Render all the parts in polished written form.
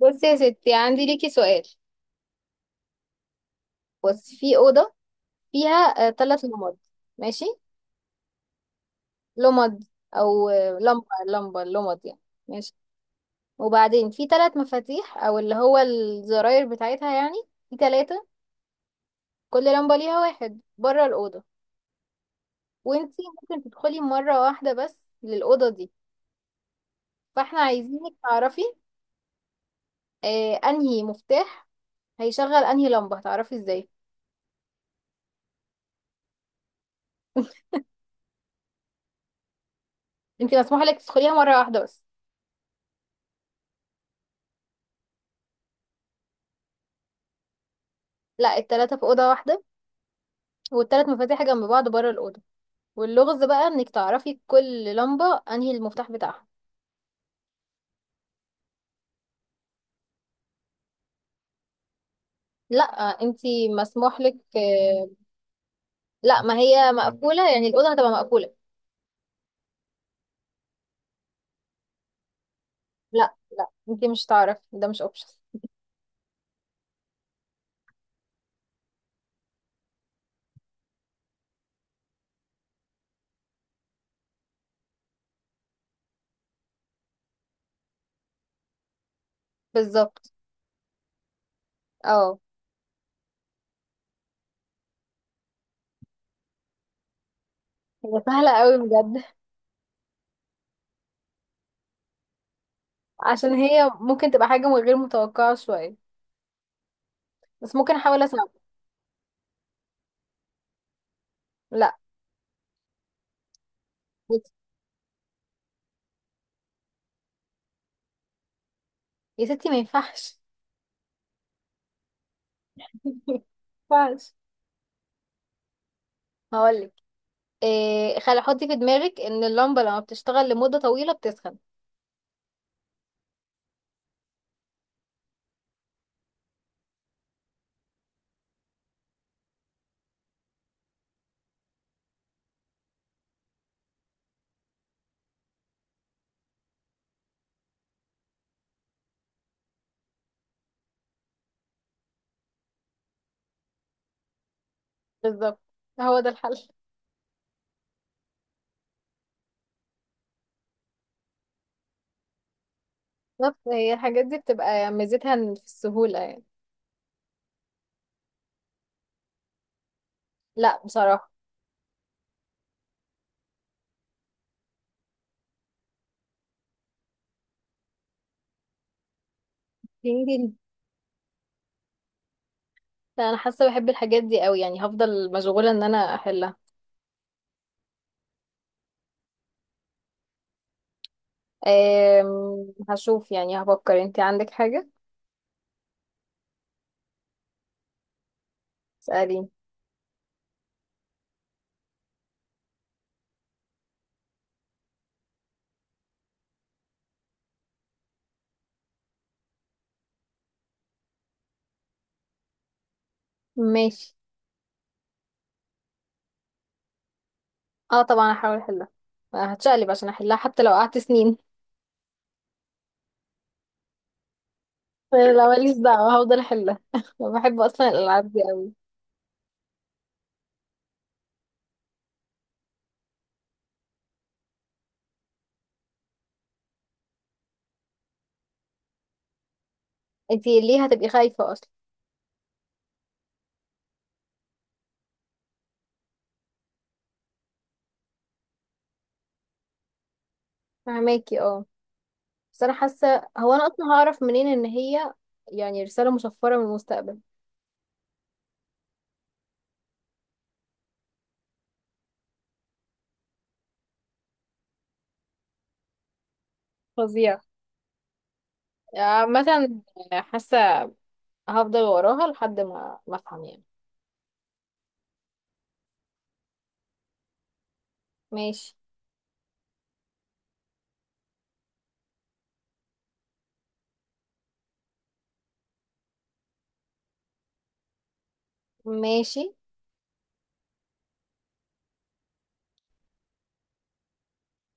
بصي يا ستي، عندي ليكي سؤال. بصي، في أوضة فيها ثلاث لمض. ماشي. لمض أو لمبة لمبة، لمض يعني. ماشي. وبعدين في ثلاث مفاتيح، أو اللي هو الزراير بتاعتها يعني، في ثلاثة. كل لمبة ليها واحد بره الأوضة. وانتي ممكن تدخلي مرة واحدة بس للأوضة دي. فاحنا عايزينك تعرفي أنهي مفتاح هيشغل أنهي لمبة. هتعرفي ازاي؟ انتي مسموح لك تدخليها مرة واحدة بس. لا، التلاتة في أوضة واحدة، والتلات مفاتيح جنب بعض بره الأوضة. واللغز بقى انك تعرفي كل لمبة انهي المفتاح بتاعها. لا، انتي مسموح لك لا، ما هي مقفولة، يعني الأوضة هتبقى مقفولة. لا لا، انتي مش تعرفي، ده مش اوبشن. بالظبط. اه. هي سهلة قوي بجد. عشان هي ممكن تبقى حاجة غير متوقعة شوية، بس ممكن احاول اسمع. لا. بصي، يا ستي ما ينفعش. ما ينفعش. هقولك إيه، خلي حطي في دماغك ان اللمبة لما بتشتغل لمدة طويلة بتسخن. بالظبط، هو ده الحل. بالظبط، هي الحاجات دي بتبقى ميزتها إن في السهولة يعني. لا بصراحة. يمكن. لا، أنا حاسة بحب الحاجات دي قوي، يعني هفضل مشغولة إن أنا أحلها. هشوف يعني، هفكر. انتي عندك حاجة؟ اسأليني. ماشي، اه طبعا هحاول أحلها. هتشقلب عشان أحلها حتى لو قعدت سنين. لا ماليش دعوة، هفضل أحلها. بحب أصلا الألعاب دي قوي. انتي ليه هتبقي خايفة أصلا؟ فهماكي اه. بس أنا حاسة، هو أنا أصلا هعرف منين إن هي يعني رسالة مشفرة من المستقبل؟ فظيعة. آه، مثلا. حاسة هفضل وراها لحد ما افهم يعني. ماشي. ماشي.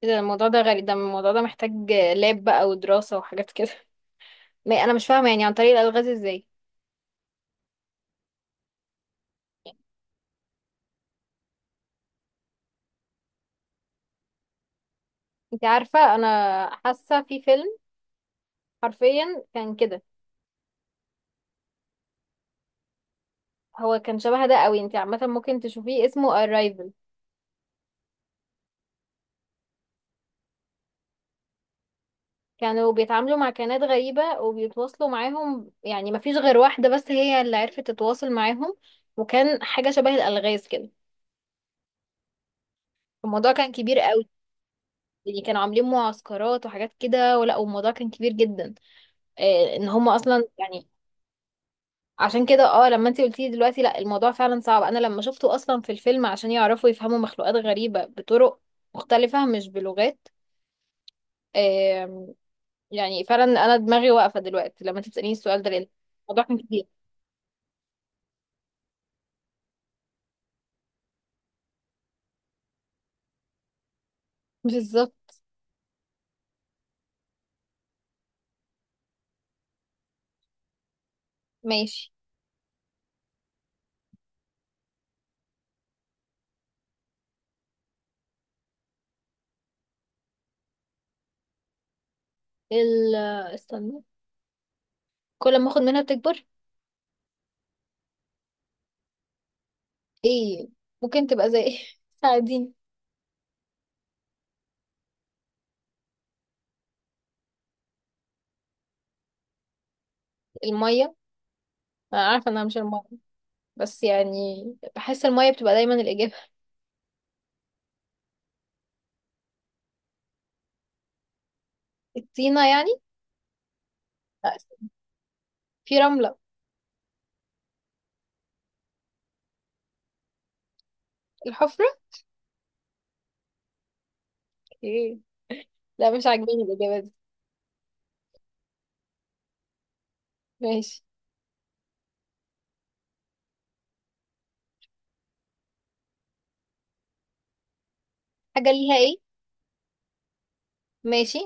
ايه ده؟ الموضوع ده غريب، ده الموضوع ده محتاج لاب بقى ودراسة وحاجات كده. ما انا مش فاهمة يعني عن طريق الألغاز ازاي. انت عارفة، انا حاسة في فيلم حرفيا كان كده. هو كان شبه ده قوي، انت عامة ممكن تشوفيه، اسمه Arrival. كانوا بيتعاملوا مع كائنات غريبة وبيتواصلوا معاهم، يعني مفيش غير واحدة بس هي اللي عرفت تتواصل معاهم. وكان حاجة شبه الألغاز كده. الموضوع كان كبير قوي. يعني كانوا عاملين معسكرات وحاجات كده، ولا والموضوع كان كبير جدا. ان هم اصلا يعني. عشان كده لما انت قلتي دلوقتي لا، الموضوع فعلا صعب. انا لما شفته اصلا في الفيلم، عشان يعرفوا يفهموا مخلوقات غريبة بطرق مختلفة مش بلغات. آم، يعني فعلا انا دماغي واقفة دلوقتي لما انت تسأليني السؤال ده، لان الموضوع كان كبير. بالظبط. ماشي. ال آه، استنى، كل ما اخد منها بتكبر. ايه ممكن تبقى زي إيه؟ ساعديني. المية. انا عارفة انها مش المية، بس يعني بحس المية بتبقى دايما الإجابة. الطينة يعني. لا، في رملة. الحفرة. ايه. لا، مش عاجباني الإجابة دي. ماشي. حاجة ليها ايه؟ ماشي.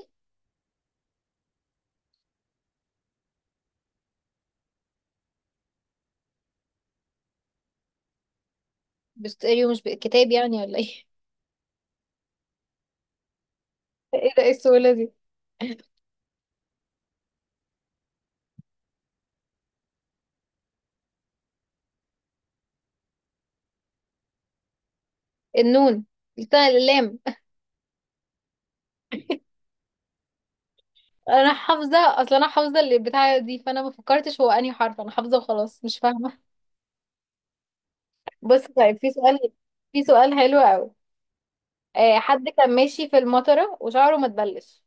بستقري، مش كتاب يعني، ولا ايه؟ ايه ده؟ ايه السهولة دي؟ النون، التاء، اللام. انا حافظة اصلا، انا حافظة اللي بتاع دي، فانا ما فكرتش هو انهي حرف، انا حافظة وخلاص مش فاهمة. بص، طيب في سؤال. في سؤال حلو قوي. حد كان ماشي في المطرة وشعره ما تبلش.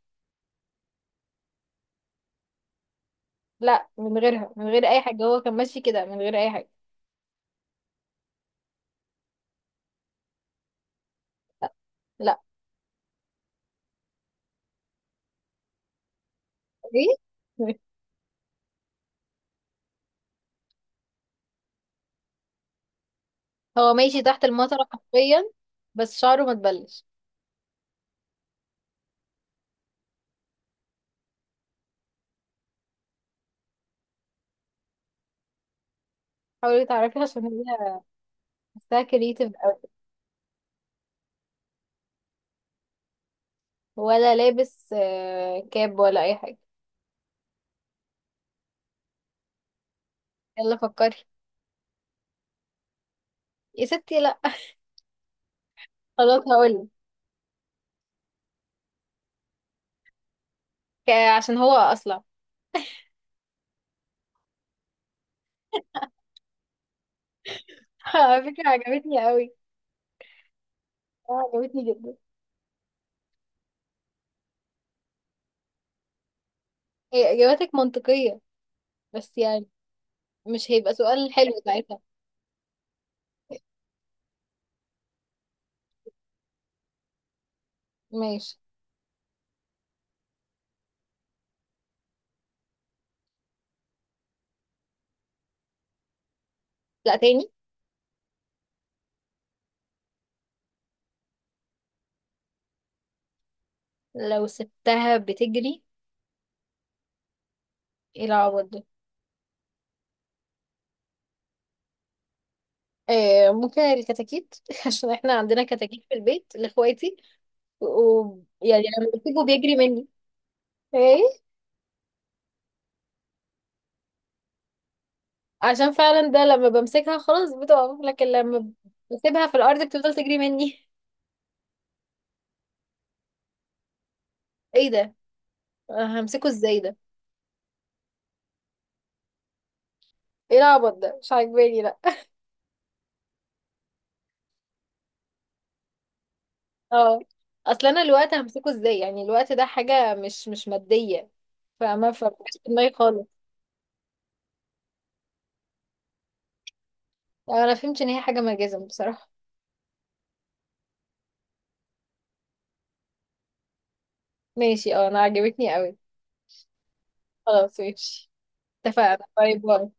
لا، من غيرها، من غير اي حاجة، هو كان ماشي كده من غير اي حاجة. لا. ايه. هو ماشي تحت المطرة حرفيا، بس شعره ما تبلش. حاولي تعرفي، عشان هي حاساها كريتيف قوي. ولا لابس كاب ولا اي حاجة. يلا فكري. يا ستي لا. خلاص هقولك. عشان هو اصلع. على فكرة عجبتني قوي. عجبتني جدا. هي اجاباتك منطقية، بس يعني مش هيبقى سؤال حلو ساعتها. ماشي. لا تاني. لو سبتها بتجري. ايه العبط ده؟ ممكن الكتاكيت. عشان احنا عندنا كتاكيت في البيت لاخواتي، ويعني لما بسيبه بيجري مني. ايه. عشان فعلا ده لما بمسكها خلاص بتقف، لكن لما بسيبها في الارض بتفضل تجري مني. ايه ده؟ أنا همسكه ازاي ده؟ ايه العبط ده، مش عاجباني لا. اه. اصل انا الوقت همسكه ازاي؟ يعني الوقت ده حاجه مش ماديه، فمش في دماغي خالص. انا فهمت ان هي حاجه ملجزم بصراحه. ماشي اه، انا عجبتني قوي. خلاص ماشي، اتفقنا. باي باي.